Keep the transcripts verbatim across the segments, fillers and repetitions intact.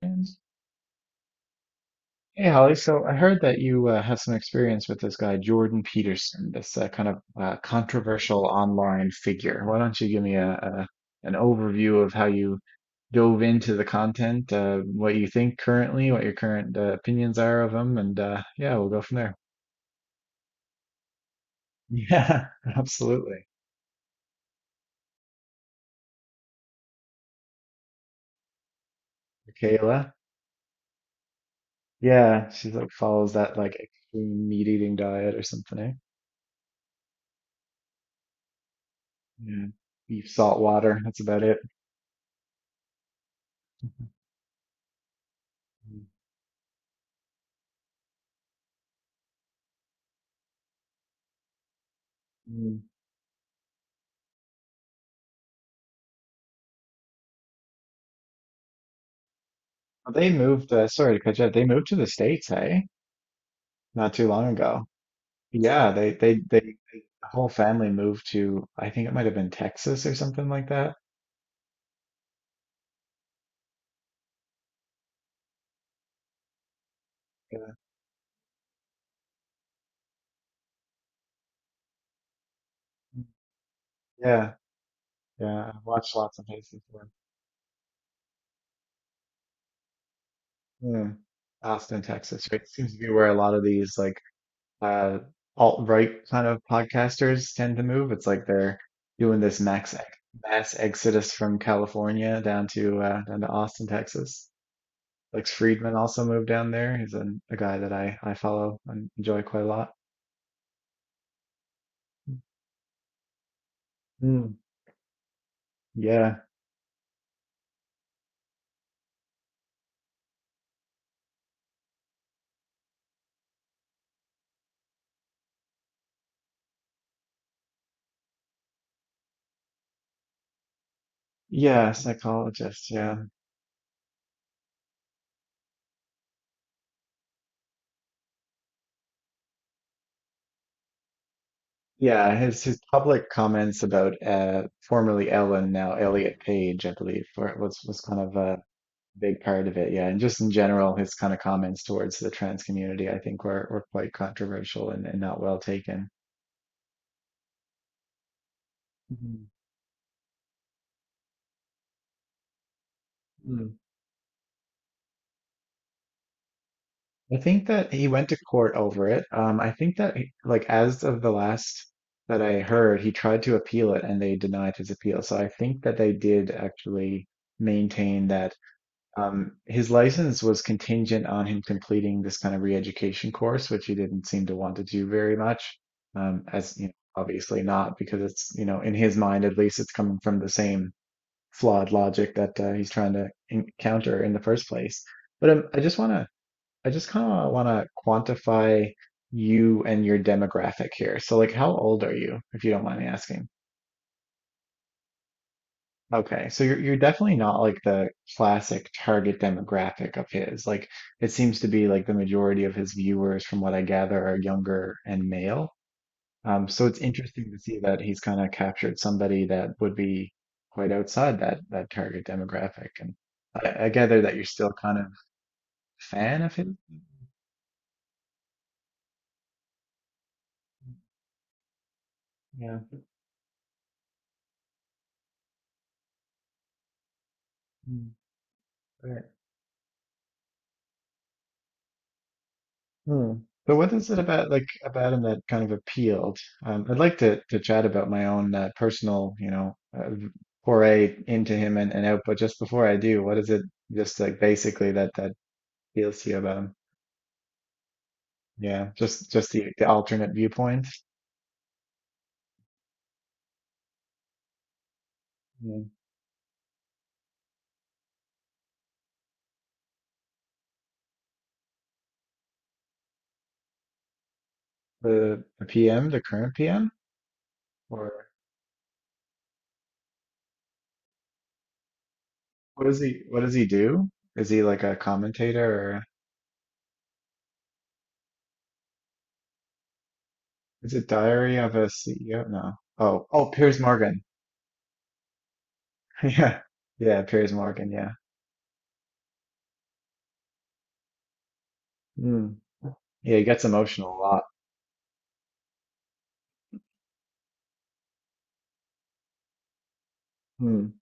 And hey, Holly, so I heard that you uh, have some experience with this guy, Jordan Peterson, this uh, kind of uh, controversial online figure. Why don't you give me a, a an overview of how you dove into the content, uh, what you think currently, what your current uh, opinions are of him, and uh, yeah, we'll go from there. Yeah, absolutely. Kayla. Yeah, she like follows that like extreme meat eating diet or something, eh? Yeah. Beef, salt water, that's about it. Mm. They moved, uh, sorry to cut you off. They moved to the States, hey? Not too long ago. Yeah, they they they the whole family moved to I think it might have been Texas or something like that. Yeah, yeah, yeah. I've watched lots of places before. Hmm. Austin, Texas, right? Seems to be where a lot of these like uh alt-right kind of podcasters tend to move. It's like they're doing this max ex mass exodus from California down to uh down to Austin, Texas. Lex Friedman also moved down there. He's a a guy that I, I follow and enjoy quite a lot. Mm, yeah. Yeah, psychologist. Yeah. Yeah, his his public comments about uh formerly Ellen, now Elliot Page, I believe, were, was was kind of a big part of it. Yeah, and just in general, his kind of comments towards the trans community, I think, were were quite controversial and, and not well taken. Mhm. I think that he went to court over it. Um, I think that, he- like, as of the last that I heard, he tried to appeal it and they denied his appeal. So I think that they did actually maintain that um, his license was contingent on him completing this kind of re-education course, which he didn't seem to want to do very much. Um, as you know, obviously not because it's, you know, in his mind at least, it's coming from the same flawed logic that uh, he's trying to encounter in the first place. But um, I just want to I just kind of want to quantify you and your demographic here. So, like, how old are you, if you don't mind me asking? Okay, so you're you're definitely not like the classic target demographic of his. Like, it seems to be like the majority of his viewers, from what I gather, are younger and male. Um, so it's interesting to see that he's kind of captured somebody that would be quite outside that that target demographic. And I, I gather that you're still kind of a fan of him. Yeah. Mm, right. Hmm. But what is it about like about him that kind of appealed? Um, I'd like to to chat about my own uh, personal, you know, uh, foray into him and, and out. But just before I do, what is it just like basically that that appeals to you about him? Yeah, just just the the alternate viewpoint, Mm. the the P M, the current P M, or what does he what does he do? Is he like a commentator or is it Diary of a C E O? No. Oh, oh, Piers Morgan. Yeah, yeah, Piers Morgan. Yeah. Hmm. Yeah, he gets emotional a lot. Hmm.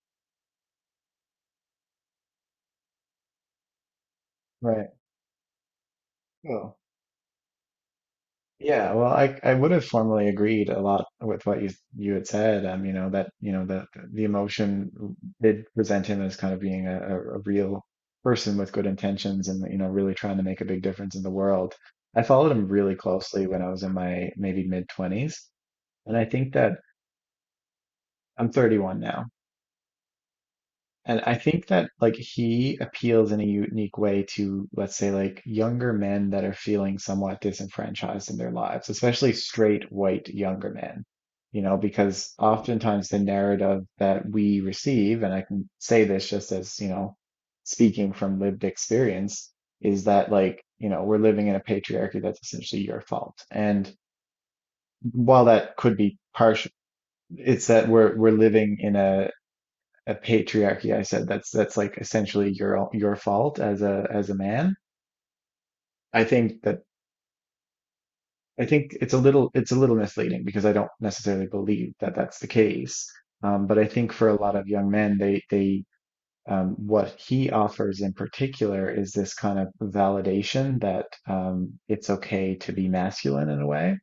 Right. Well, yeah. Well, I I would have formally agreed a lot with what you you had said. Um, you know that you know that the emotion did present him as kind of being a, a a real person with good intentions and you know really trying to make a big difference in the world. I followed him really closely when I was in my maybe mid twenties, and I think that I'm thirty-one now. And I think that like he appeals in a unique way to, let's say, like younger men that are feeling somewhat disenfranchised in their lives, especially straight white younger men, you know, because oftentimes the narrative that we receive, and I can say this just as, you know, speaking from lived experience, is that like, you know, we're living in a patriarchy that's essentially your fault. And while that could be partial, it's that we're we're living in a a patriarchy. I said that's that's like essentially your your fault as a as a man. I think that I think it's a little it's a little misleading because I don't necessarily believe that that's the case. Um, but I think for a lot of young men, they they um, what he offers in particular is this kind of validation that um, it's okay to be masculine in a way.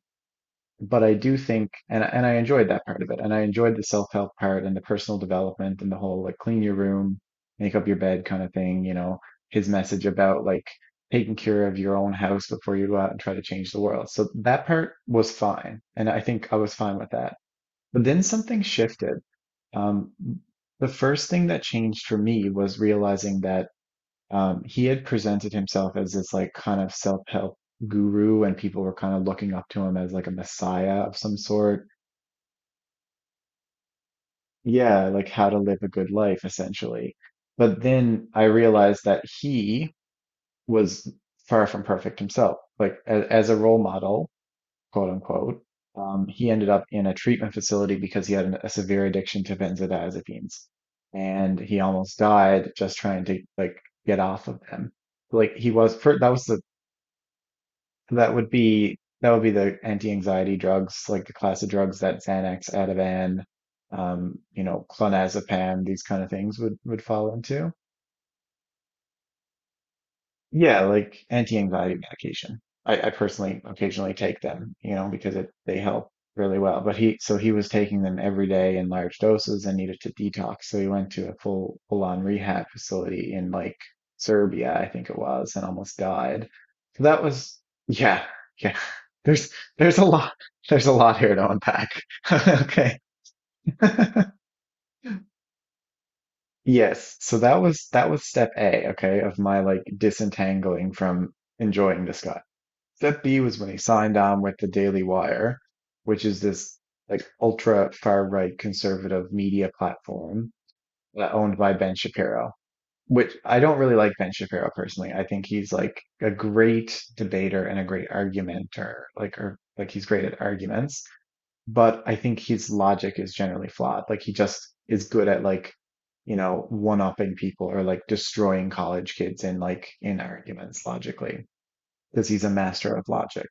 But I do think, and and I enjoyed that part of it, and I enjoyed the self-help part and the personal development and the whole like clean your room, make up your bed kind of thing, you know, his message about like taking care of your own house before you go out and try to change the world. So that part was fine, and I think I was fine with that. But then something shifted. Um, the first thing that changed for me was realizing that um, he had presented himself as this like kind of self-help guru, and people were kind of looking up to him as like a messiah of some sort. Yeah, like how to live a good life, essentially. But then I realized that he was far from perfect himself. Like as, as a role model, quote unquote, um, he ended up in a treatment facility because he had an, a severe addiction to benzodiazepines, and he almost died just trying to like get off of them like he was for that was the That would be that would be the anti-anxiety drugs, like the class of drugs that Xanax, Ativan, um, you know, clonazepam, these kind of things would would fall into. Yeah, like anti-anxiety medication. I, I personally occasionally take them, you know, because it, they help really well. But he, so he was taking them every day in large doses and needed to detox. So he went to a full, full-on rehab facility in like Serbia, I think it was, and almost died. So that was, yeah, yeah. There's, there's a lot, there's a lot here to unpack. Okay. Yes, so that was that was step A, okay, of my like disentangling from enjoying this guy. Step B was when he signed on with the Daily Wire, which is this like ultra far right conservative media platform uh, owned by Ben Shapiro. Which I don't really like Ben Shapiro personally. I think he's like a great debater and a great argumenter, like or like he's great at arguments, but I think his logic is generally flawed. Like he just is good at like you know one-upping people or like destroying college kids in like in arguments logically because he's a master of logic.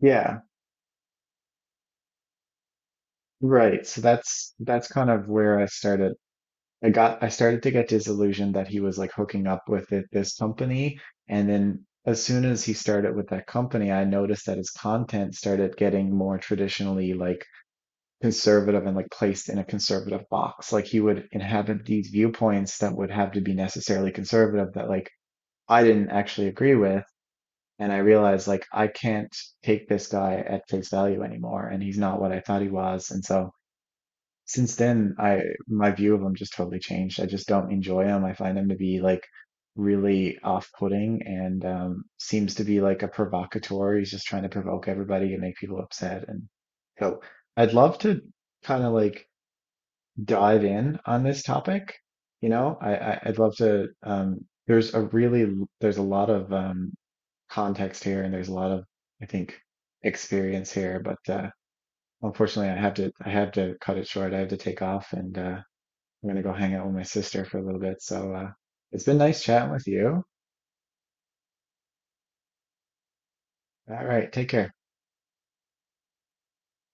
Yeah. Right. So that's that's kind of where I started. I got I started to get disillusioned that he was like hooking up with it, this company. And then as soon as he started with that company, I noticed that his content started getting more traditionally like conservative and like placed in a conservative box. Like he would inhabit these viewpoints that would have to be necessarily conservative that like I didn't actually agree with. And I realized like I can't take this guy at face value anymore, and he's not what I thought he was. And so since then I my view of them just totally changed. I just don't enjoy them. I find them to be like really off-putting and um, seems to be like a provocateur. He's just trying to provoke everybody and make people upset. And so I'd love to kind of like dive in on this topic. You know, I, I I'd love to. Um, there's a really there's a lot of um, context here, and there's a lot of I think experience here, but. Uh, unfortunately, I have to I have to cut it short. I have to take off, and uh, I'm gonna go hang out with my sister for a little bit. So uh, it's been nice chatting with you. All right, take care.